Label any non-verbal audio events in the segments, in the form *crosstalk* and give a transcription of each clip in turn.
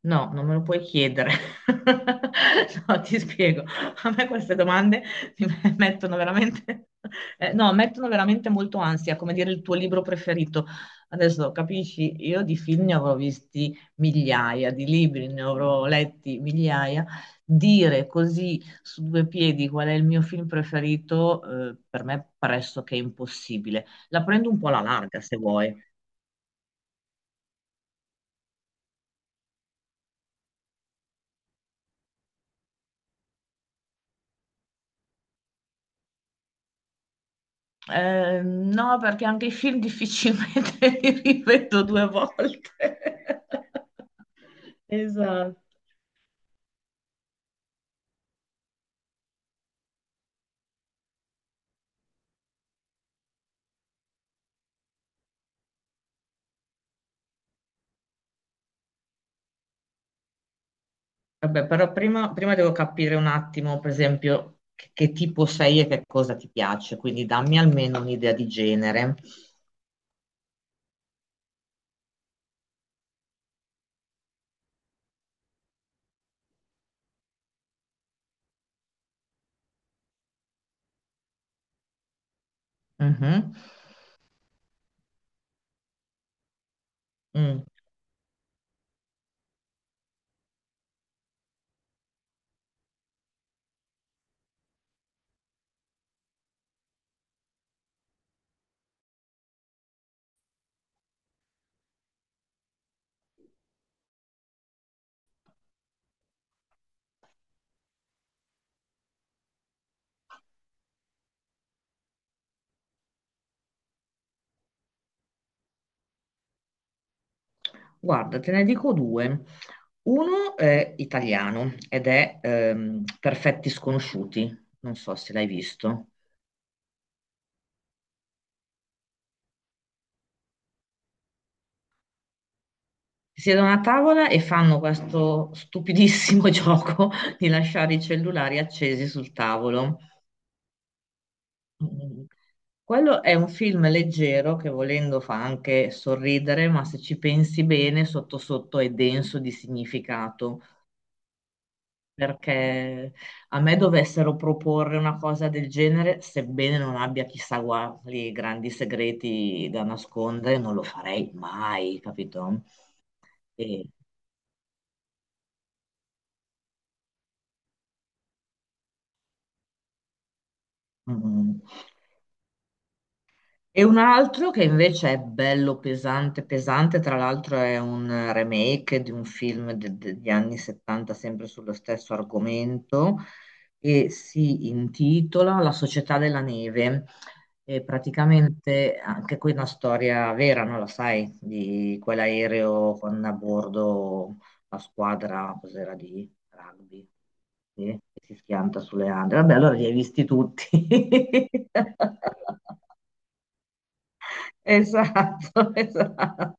No, non me lo puoi chiedere. *laughs* No, ti spiego. A me queste domande mettono veramente, no, mettono veramente molto ansia, come dire il tuo libro preferito. Adesso capisci, io di film ne avrò visti migliaia, di libri ne avrò letti migliaia. Dire così su due piedi qual è il mio film preferito, per me è pressoché impossibile. La prendo un po' alla larga, se vuoi. No, perché anche i film difficilmente *laughs* li rivedo 2 volte. *laughs* Esatto. Vabbè, però prima devo capire un attimo, per esempio, che tipo sei e che cosa ti piace, quindi dammi almeno un'idea di genere. Mhm. Mm. Guarda, te ne dico due. Uno è italiano ed è Perfetti Sconosciuti, non so se l'hai visto. Si siedono a tavola e fanno questo stupidissimo *laughs* gioco di lasciare i cellulari accesi sul tavolo. Mm. Quello è un film leggero che volendo fa anche sorridere, ma se ci pensi bene, sotto sotto è denso di significato, perché a me dovessero proporre una cosa del genere, sebbene non abbia chissà quali grandi segreti da nascondere, non lo farei mai, capito? E, mm. E un altro che invece è bello pesante, pesante, tra l'altro è un remake di un film degli anni '70 sempre sullo stesso argomento e si intitola La società della neve. E praticamente anche qui una storia vera, non la sai, di quell'aereo con a bordo la squadra, cos'era di rugby, sì, che si schianta sulle Ande. Vabbè, allora li hai visti tutti. *laughs* Esatto, *laughs* esatto.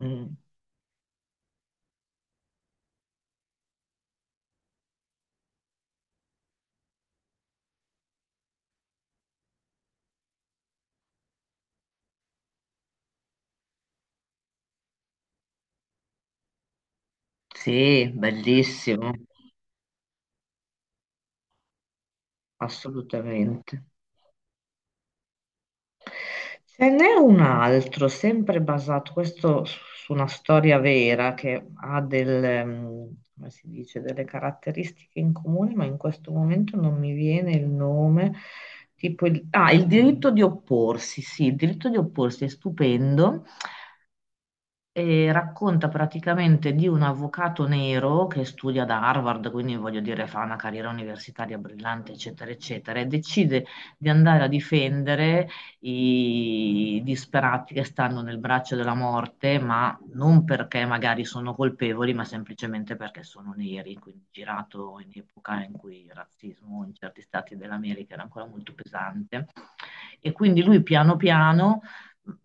Mm, sì, bellissimo, assolutamente. Ce n'è un altro, sempre basato, questo su una storia vera che ha del, mm, come si dice, delle caratteristiche in comune, ma in questo momento non mi viene il nome. Tipo il, ah, il diritto di opporsi, sì, il diritto di opporsi è stupendo. E racconta praticamente di un avvocato nero che studia ad Harvard, quindi voglio dire fa una carriera universitaria brillante, eccetera, eccetera, e decide di andare a difendere i disperati che stanno nel braccio della morte, ma non perché magari sono colpevoli, ma semplicemente perché sono neri, quindi girato in epoca in cui il razzismo in certi stati dell'America era ancora molto pesante. E quindi lui piano piano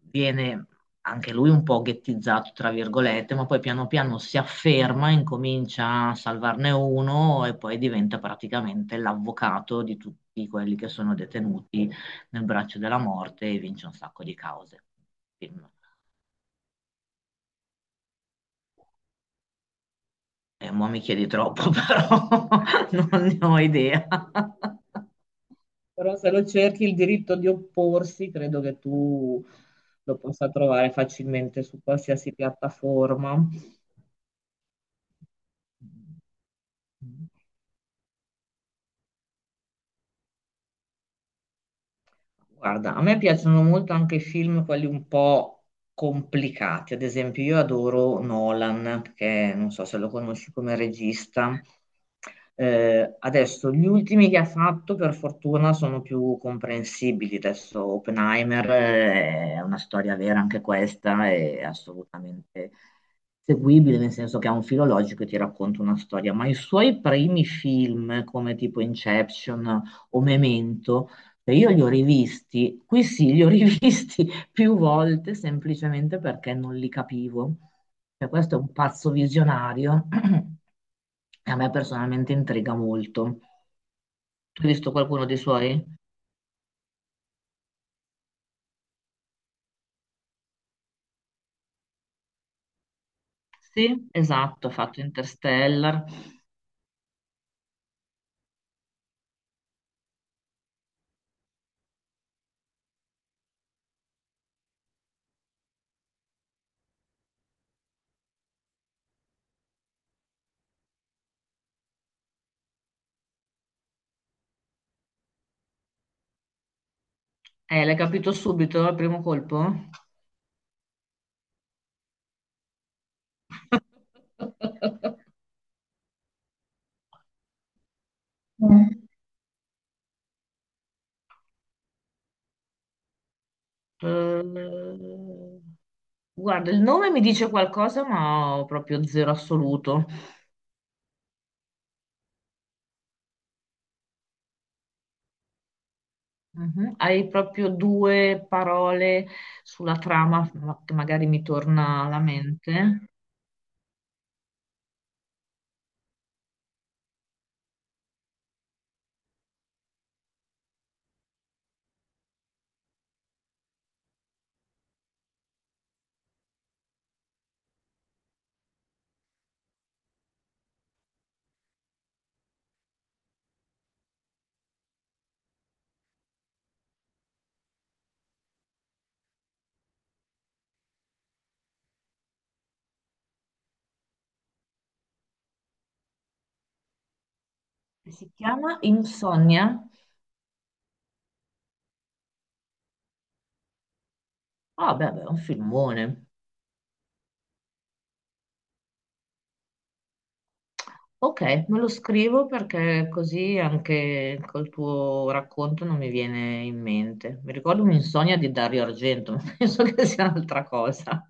viene anche lui un po' ghettizzato, tra virgolette, ma poi piano piano si afferma, incomincia a salvarne uno e poi diventa praticamente l'avvocato di tutti quelli che sono detenuti nel braccio della morte e vince un sacco di cause. Film. E mo' mi chiedi troppo, però *laughs* non ne ho idea. Però se lo cerchi il diritto di opporsi, credo che tu lo possa trovare facilmente su qualsiasi piattaforma. Mm. Guarda, a me piacciono molto anche i film, quelli un po' complicati. Ad esempio, io adoro Nolan, perché non so se lo conosci come regista. Adesso, gli ultimi che ha fatto, per fortuna, sono più comprensibili. Adesso, Oppenheimer è una storia vera anche questa, è assolutamente seguibile, nel senso che ha un filo logico e ti racconta una storia. Ma i suoi primi film, come tipo Inception o Memento, e io li ho rivisti, qui sì, li ho rivisti *laughs* più volte semplicemente perché non li capivo. Cioè, questo è un pazzo visionario *clears throat* e a me personalmente intriga molto. Tu hai visto qualcuno dei suoi? Sì, esatto, ha fatto Interstellar. L'hai capito subito al primo colpo? *laughs* Mm. Eh, guarda, il nome mi dice qualcosa, ma ho proprio zero assoluto. Mhm. Hai proprio due parole sulla trama che magari mi torna alla mente. Si chiama Insonnia. Ah, beh, beh, è un filmone. Ok, me lo scrivo perché così anche col tuo racconto non mi viene in mente. Mi ricordo un'insonnia di Dario Argento, *laughs* ma penso che sia un'altra cosa.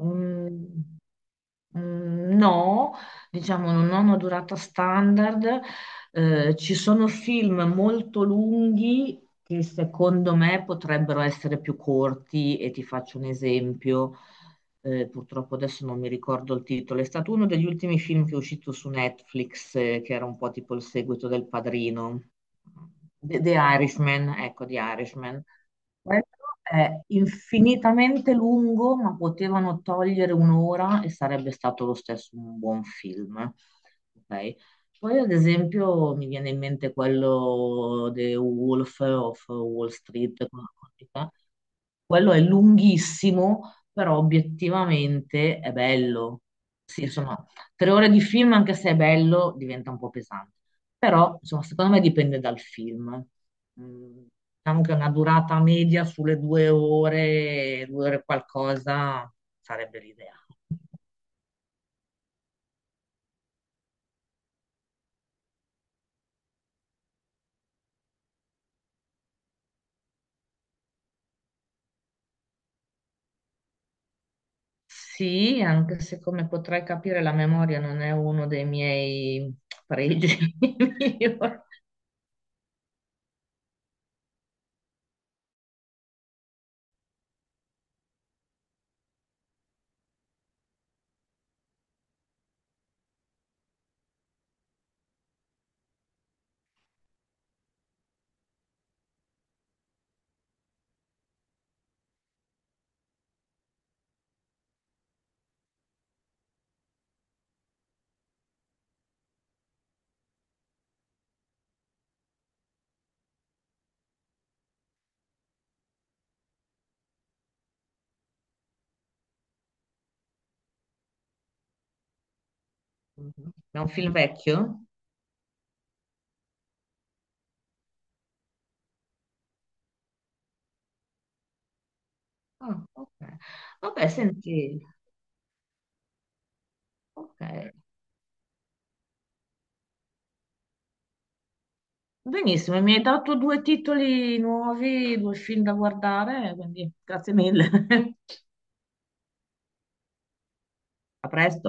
Mm. Mm, no, diciamo non ho una durata standard. Ci sono film molto lunghi che secondo me potrebbero essere più corti e ti faccio un esempio, purtroppo adesso non mi ricordo il titolo, è stato uno degli ultimi film che è uscito su Netflix, che era un po' tipo il seguito del Padrino, The Irishman, ecco, The Irishman. Quello è infinitamente lungo, ma potevano togliere un'ora e sarebbe stato lo stesso un buon film. Ok? Poi, ad esempio, mi viene in mente quello The Wolf of Wall Street, quello è lunghissimo, però obiettivamente è bello. Sì, insomma, 3 ore di film, anche se è bello, diventa un po' pesante. Però, insomma, secondo me dipende dal film. Mm. Diciamo che una durata media sulle 2 ore, 2 ore qualcosa, sarebbe l'idea. Sì, anche se come potrai capire la memoria non è uno dei miei pregi *laughs* migliori. È un film vecchio? Ah, ok. Vabbè, senti, ok. Benissimo, mi hai dato due titoli nuovi, due film da guardare, quindi grazie mille. *laughs* A presto.